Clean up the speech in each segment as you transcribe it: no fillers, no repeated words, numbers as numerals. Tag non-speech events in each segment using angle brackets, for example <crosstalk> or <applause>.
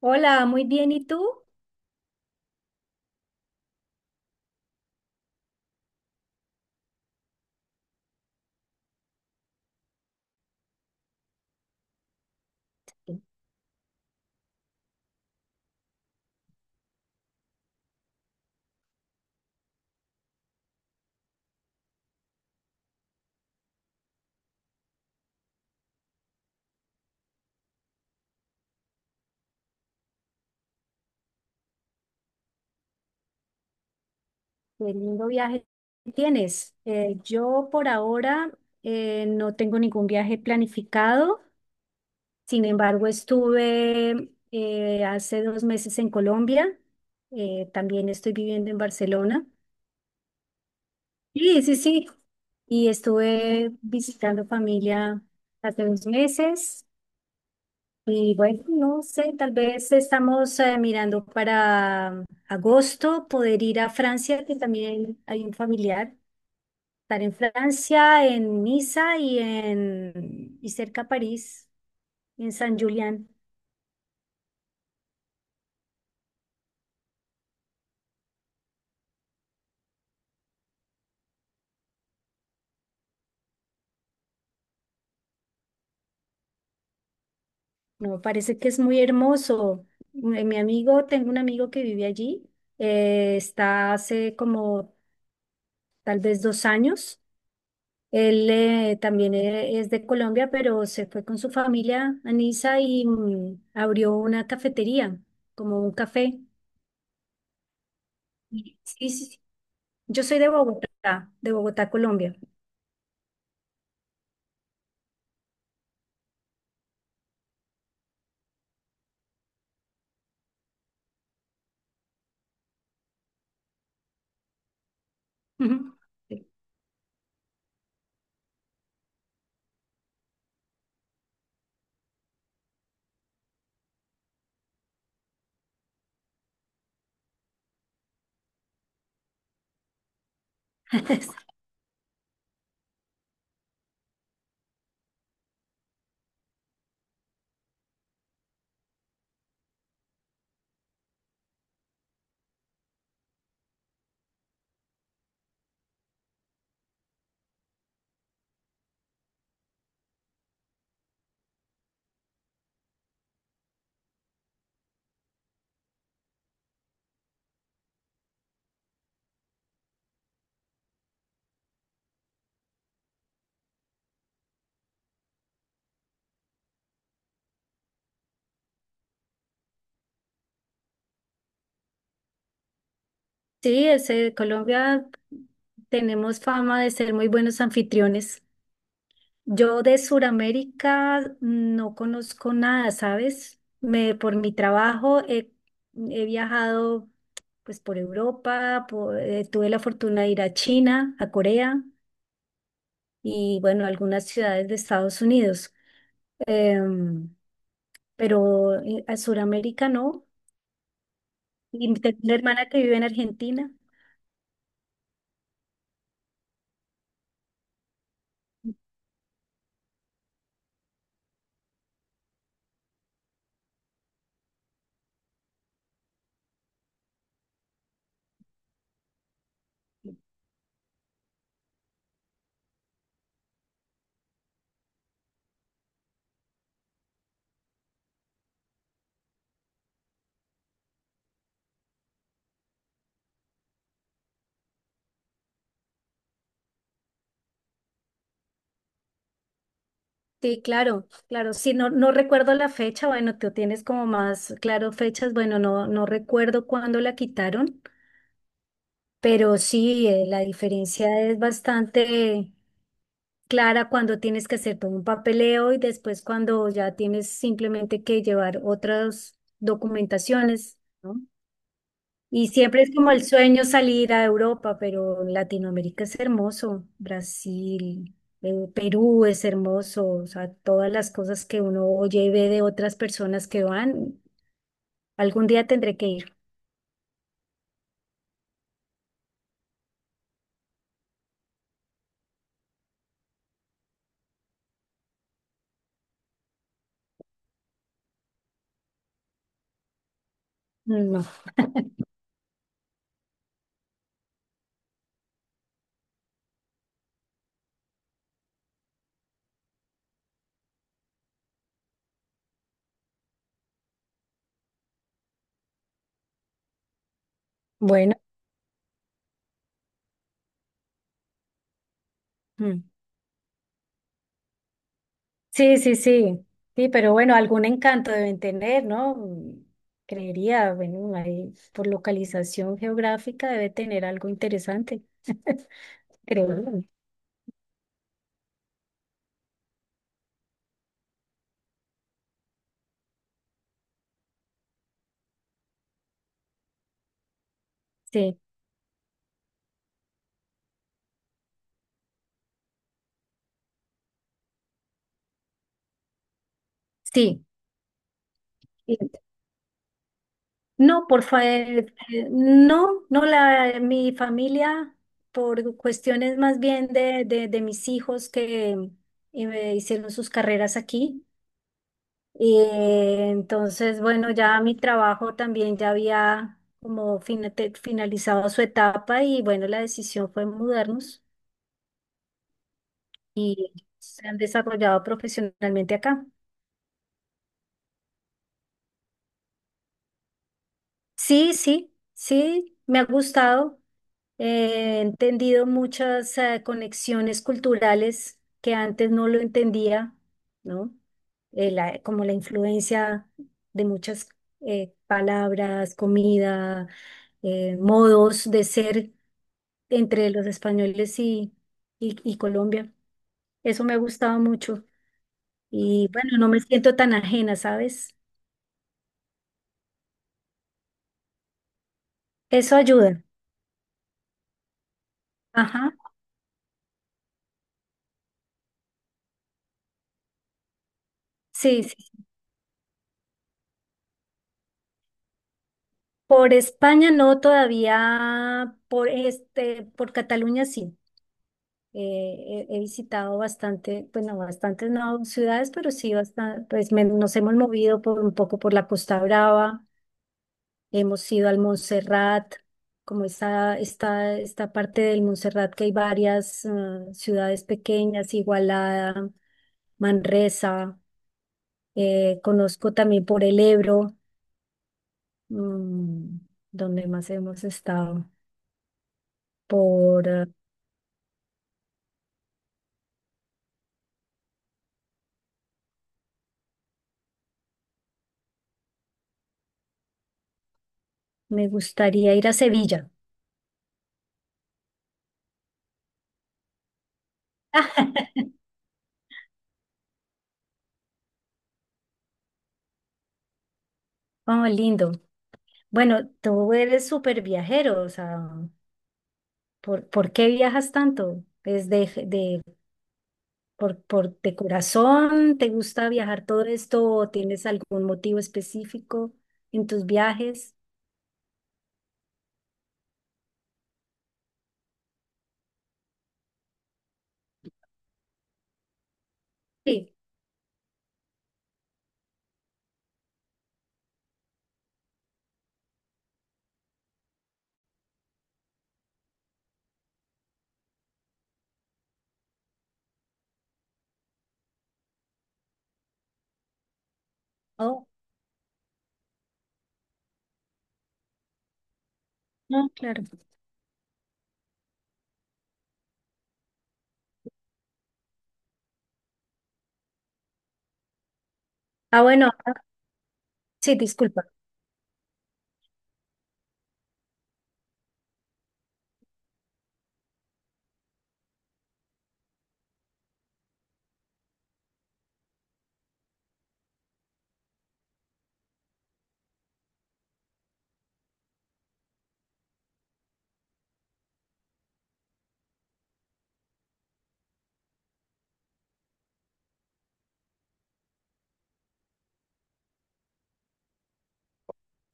Hola, muy bien. ¿Y tú? Qué lindo viaje tienes. Yo por ahora no tengo ningún viaje planificado. Sin embargo, estuve hace dos meses en Colombia. También estoy viviendo en Barcelona. Sí, sí, sí. Y estuve visitando familia hace dos meses. Y bueno, no sé, tal vez estamos mirando para agosto poder ir a Francia, que también hay un familiar. Estar en Francia, en Niza y en y cerca a París, en San Julián. No, parece que es muy hermoso. Mi amigo, tengo un amigo que vive allí. Eh, está hace como tal vez dos años. Él, también es de Colombia, pero se fue con su familia a Niza y abrió una cafetería, como un café. Sí, sí, sí. Yo soy de Bogotá, Colombia. Ujú. <laughs> Sí, ese, Colombia, tenemos fama de ser muy buenos anfitriones. Yo de Sudamérica no conozco nada, ¿sabes? Por mi trabajo he viajado pues por Europa, tuve la fortuna de ir a China, a Corea y bueno, algunas ciudades de Estados Unidos. Em, pero a Sudamérica no. Y tengo una hermana que vive en Argentina. Sí, claro, claro. Sí, no, no recuerdo la fecha. Bueno, tú tienes como más claro fechas. Bueno, no, no recuerdo cuándo la quitaron, pero sí, la diferencia es bastante clara cuando tienes que hacer todo un papeleo y después cuando ya tienes simplemente que llevar otras documentaciones. ¿No? Y siempre es como el sueño salir a Europa, pero Latinoamérica es hermoso. Brasil, Perú es hermoso, o sea, todas las cosas que uno oye y ve de otras personas que van, algún día tendré que ir. Mm, no. Bueno, mm, sí, sí, sí. Sí, pero bueno, algún encanto deben tener, ¿no? Mm, creería, bueno, ahí por localización geográfica debe tener algo interesante, creo. Yo. Sí, sí. No, no, no la mi familia, por cuestiones más bien de mis hijos que hicieron sus carreras aquí. Y entonces, bueno, ya mi trabajo también ya había como finalizado su etapa y bueno, la decisión fue mudarnos y se han desarrollado profesionalmente acá. Sí, sí, sí, me ha gustado. He entendido muchas conexiones culturales que antes no lo entendía, ¿no? Como la influencia de muchas palabras, comida, modos de ser entre los españoles y, y Colombia. Eso me ha gustado mucho. Y bueno, no me siento tan ajena, ¿sabes? Eso ayuda. Ajá. Sí, por España no todavía, por este, por Cataluña sí. He visitado bastante, bueno, bastantes no ciudades, pero sí bastante, pues nos hemos movido por un poco por la Costa Brava, hemos ido al Montserrat, como esta parte del Montserrat que hay varias ciudades pequeñas, Igualada, Manresa, conozco también por el Ebro, mm, donde más hemos estado por... Me gustaría ir a Sevilla. Oh, lindo. Bueno, tú eres súper viajero, o sea, por qué viajas tanto? ¿Es de, por de corazón? ¿Te gusta viajar todo esto o tienes algún motivo específico en tus viajes? Sí. Oh, no, claro. Ah, bueno, ah, sí, disculpa,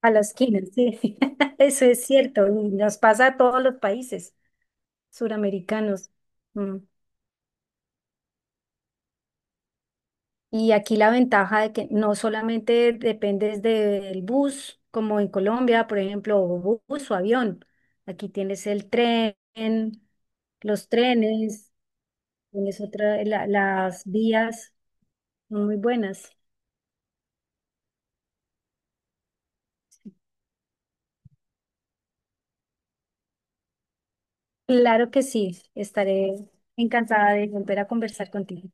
a la esquina, sí. <laughs> Eso es cierto, y nos pasa a todos los países suramericanos. Mm. Y aquí la ventaja de que no solamente dependes del bus, como en Colombia, por ejemplo, o bus o avión. Aquí tienes el tren, los trenes, tienes otra, las vías son muy buenas. Claro que sí, estaré encantada de volver a conversar contigo.